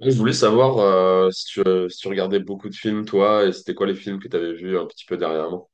Je voulais savoir si tu regardais beaucoup de films, toi, et c'était quoi les films que tu avais vus un petit peu dernièrement?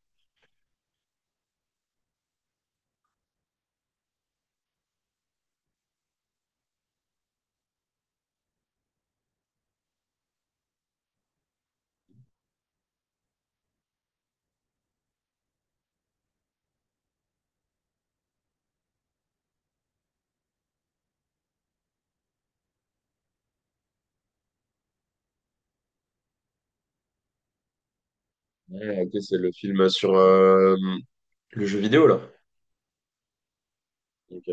Ouais, ok, c'est le film sur le jeu vidéo, là. Ok,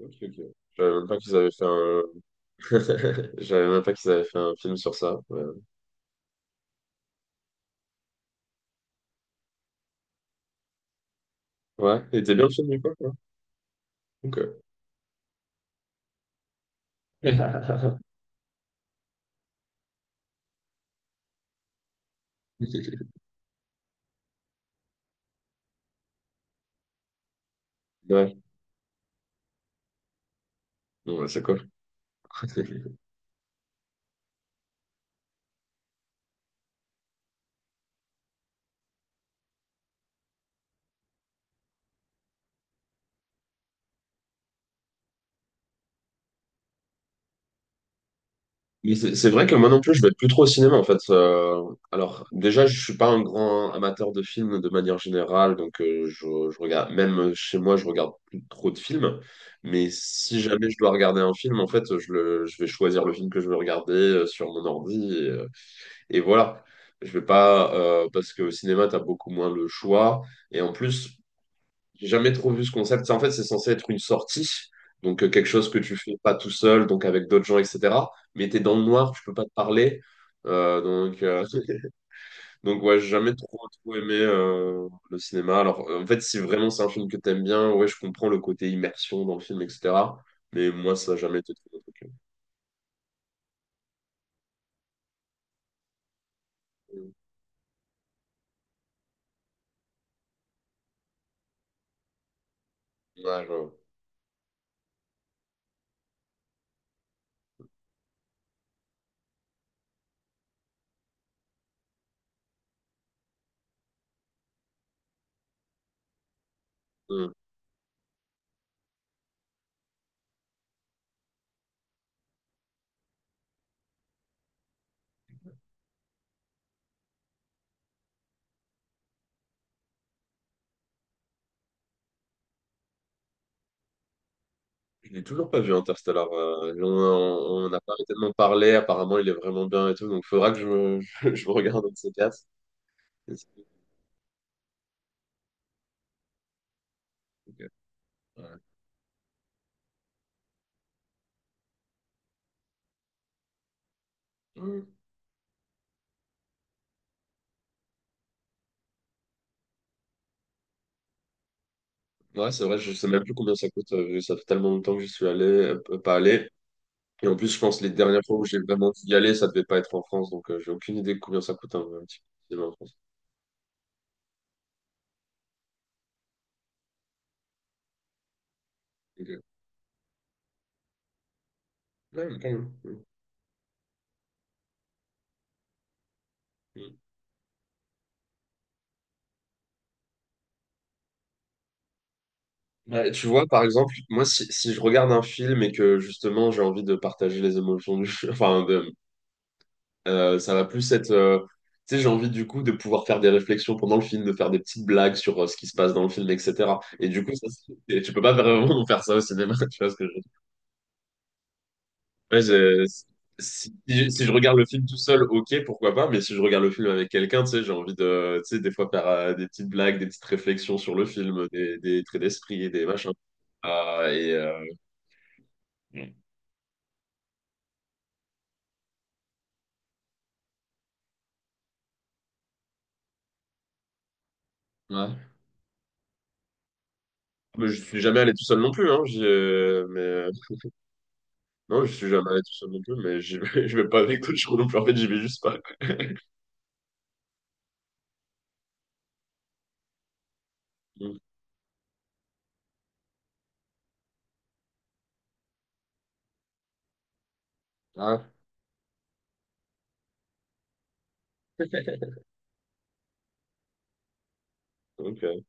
ok, ok. Je savais même pas qu'ils avaient fait un. Je savais même pas qu'ils avaient fait un film sur ça. Ouais, ouais. Il était bien le film, du coup, quoi. Ok. Ouais. Bon, bah, c'est cool. Mais c'est vrai que moi non plus, je vais plus trop au cinéma en fait. Alors déjà, je suis pas un grand amateur de films de manière générale, donc je regarde même chez moi, je regarde plus trop de films. Mais si jamais je dois regarder un film, en fait, je vais choisir le film que je veux regarder sur mon ordi et voilà. Je vais pas parce que au cinéma, t'as beaucoup moins le choix et en plus. J'ai jamais trop vu ce concept. Ça, en fait, c'est censé être une sortie, donc quelque chose que tu fais pas tout seul, donc avec d'autres gens, etc. Mais t'es dans le noir, tu peux pas te parler. Donc, donc ouais, j'ai jamais trop, trop aimé le cinéma. Alors, en fait, si vraiment c'est un film que t'aimes bien, ouais, je comprends le côté immersion dans le film, etc. Mais moi, ça n'a jamais été trop mon truc. Ouais, je. Hmm. Je l'ai toujours pas vu Interstellar. On n'a pas tellement parlé. Apparemment, il est vraiment bien et tout. Donc, faudra que je, me regarde un de ces quatre. Ouais. Mm. Ouais, c'est vrai, je sais même plus combien ça coûte, vu que ça fait tellement longtemps que j'y suis allé, pas allé. Et en plus, je pense que les dernières fois où j'ai vraiment dû y aller, ça devait pas être en France, donc j'ai aucune idée de combien ça coûte un petit cinéma en France. Ok. Ouais, mais quand même. Mm. Mm. Ouais, tu vois, par exemple, moi, si je regarde un film et que justement j'ai envie de partager les émotions du film, enfin, ça va plus être. Tu sais, j'ai envie du coup de pouvoir faire des réflexions pendant le film, de faire des petites blagues sur ce qui se passe dans le film, etc. Et du coup, ça, tu peux pas vraiment faire ça au cinéma, tu vois ce que je veux dire. Ouais, si je regarde le film tout seul, ok, pourquoi pas, mais si je regarde le film avec quelqu'un, tu sais, j'ai envie de, tu sais, des fois faire des petites blagues, des petites réflexions sur le film, des traits d'esprit, des machins. Ah, et, ouais. Mais je suis jamais allé tout seul non plus, hein, mais, non, je suis jamais allé tout seul non plus, mais je vais pas avec d'autres gens non plus, en fait, j'y vais juste pas. Mm. Ah, ok.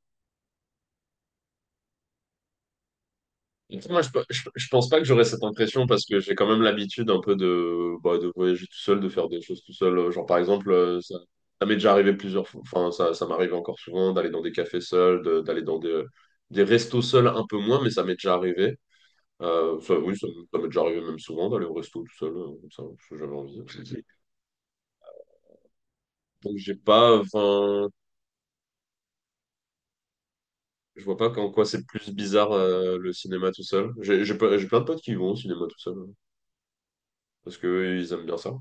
Moi, je pense pas que j'aurais cette impression parce que j'ai quand même l'habitude un peu de voyager tout seul, de faire des choses tout seul. Genre, par exemple, ça, ça m'est déjà arrivé plusieurs fois, enfin, ça m'arrive encore souvent d'aller dans des cafés seuls, d'aller dans des restos seuls un peu moins, mais ça m'est déjà arrivé. Ça, oui, ça m'est déjà arrivé même souvent d'aller au resto tout seul, comme ça, parce que j'avais envie. Donc, j'ai pas, enfin, je vois pas en quoi c'est plus bizarre le cinéma tout seul. J'ai plein de potes qui vont au cinéma tout seul hein, parce que eux, ils aiment bien ça.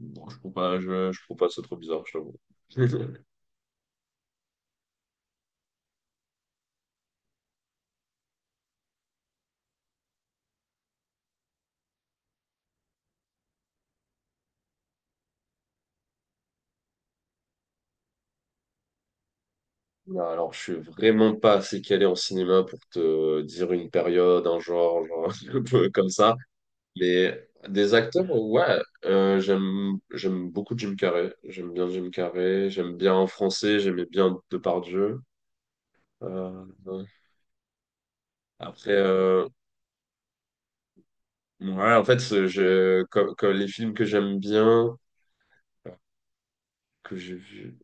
Non, je trouve pas, je trouve pas ça trop bizarre, je t'avoue. Non, alors je suis vraiment pas assez calé en cinéma pour te dire une période, un genre, un peu comme ça. Mais des acteurs, ouais, j'aime beaucoup Jim Carrey. J'aime bien Jim Carrey. J'aime bien en français. J'aimais bien Depardieu. Ouais. Après, ouais, en fait, comme les films que j'aime bien, que j'ai vu.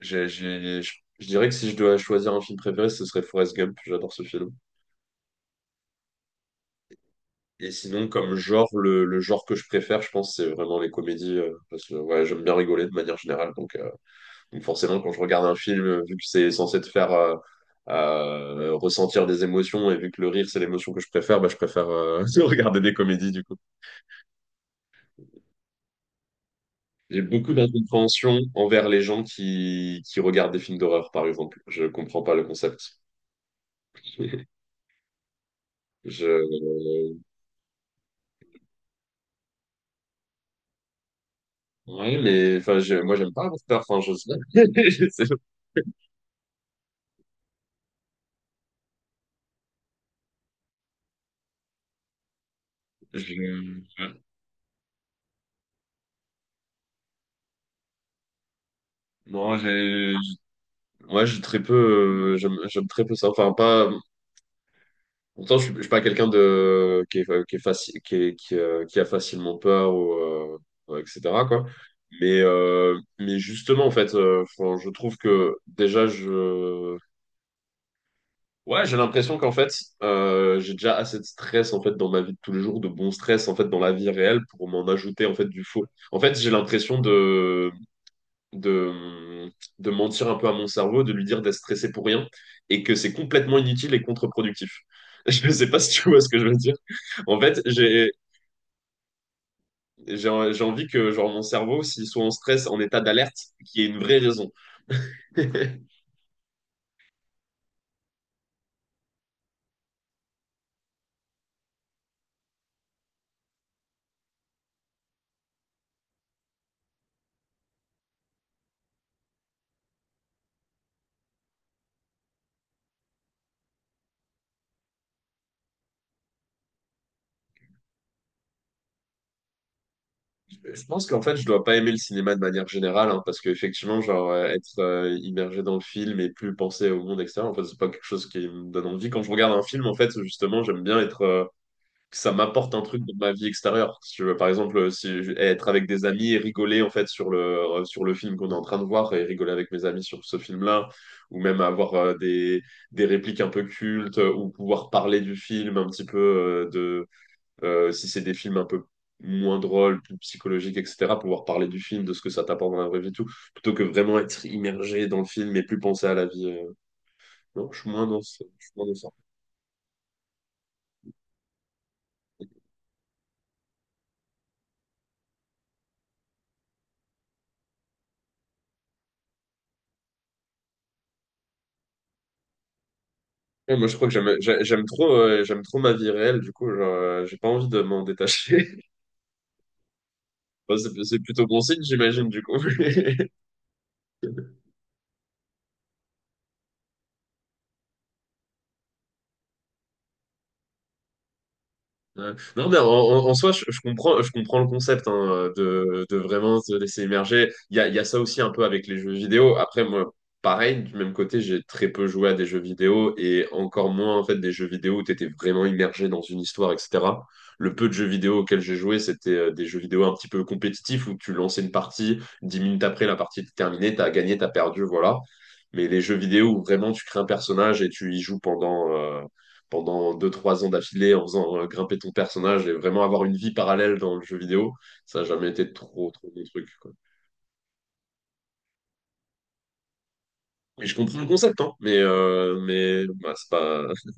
J'ai- j'ai- je, je dirais que si je dois choisir un film préféré, ce serait Forrest Gump. J'adore ce film. Et sinon, comme genre, le genre que je préfère, je pense, c'est vraiment les comédies. Parce que ouais, j'aime bien rigoler de manière générale. Donc, forcément, quand je regarde un film, vu que c'est censé te faire ressentir des émotions, et vu que le rire, c'est l'émotion que je préfère, bah, je préfère regarder des comédies, du coup. J'ai beaucoup d'incompréhension envers les gens qui regardent des films d'horreur, par exemple. Je comprends pas le concept. Je, Oui, mais enfin, moi, j'aime pas Avatar. Enfin, je sais pas. Je sais pas. Je- ouais. Non, j'ai très peu, j'aime très peu ça. Enfin, pas, pourtant, je suis, pas quelqu'un de, qui est facile, qui a facilement peur ou, ouais, etc., quoi. Mais justement, en fait, enfin, je trouve que déjà, Ouais, j'ai l'impression qu'en fait, j'ai déjà assez de stress en fait dans ma vie de tous les jours, de bon stress en fait dans la vie réelle pour m'en ajouter en fait du faux. En fait, j'ai l'impression de, de de mentir un peu à mon cerveau, de lui dire d'être stressé pour rien et que c'est complètement inutile et contre-productif. Je ne sais pas si tu vois ce que je veux dire. En fait, j'ai envie que genre mon cerveau, s'il soit en stress, en état d'alerte, qu'il y ait une vraie raison. Je pense qu'en fait, je dois pas aimer le cinéma de manière générale, hein, parce qu'effectivement, genre, être immergé dans le film et plus penser au monde extérieur, en fait, c'est pas quelque chose qui me donne envie. Quand je regarde un film, en fait, justement, j'aime bien être, que ça m'apporte un truc de ma vie extérieure. Si tu veux, par exemple, si je- être avec des amis et rigoler, en fait, sur le film qu'on est en train de voir et rigoler avec mes amis sur ce film-là, ou même avoir des répliques un peu cultes, ou pouvoir parler du film un petit peu, si c'est des films un peu moins drôles, plus psychologiques, etc., pouvoir parler du film, de ce que ça t'apporte dans la vraie vie, et tout, plutôt que vraiment être immergé dans le film et plus penser à la vie. Non, je suis moins dans ça. Ouais, moi, je crois que j'aime trop ma vie réelle, du coup, genre, j'ai pas envie de m'en détacher. Bon, c'est plutôt bon signe, j'imagine, du coup. Ouais. Non, mais en soi, je comprends le concept hein, de vraiment se laisser émerger. Il y a ça aussi un peu avec les jeux vidéo. Après, moi, pareil, du même côté, j'ai très peu joué à des jeux vidéo et encore moins en fait des jeux vidéo où tu étais vraiment immergé dans une histoire, etc. Le peu de jeux vidéo auxquels j'ai joué, c'était des jeux vidéo un petit peu compétitifs où tu lançais une partie, 10 minutes après, la partie était terminée, t'as gagné, t'as perdu, voilà. Mais les jeux vidéo où vraiment tu crées un personnage et tu y joues pendant deux trois ans d'affilée en faisant grimper ton personnage et vraiment avoir une vie parallèle dans le jeu vidéo, ça n'a jamais été trop, trop mon truc, quoi. Mais je comprends le concept, hein, mais bah, c'est pas.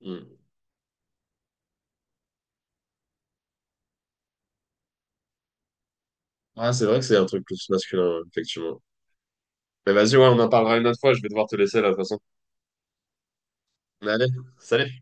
Hmm. Ah, c'est vrai que c'est un truc plus masculin, effectivement. Mais vas-y, ouais, on en parlera une autre fois, je vais devoir te laisser là, de toute façon. Allez, salut!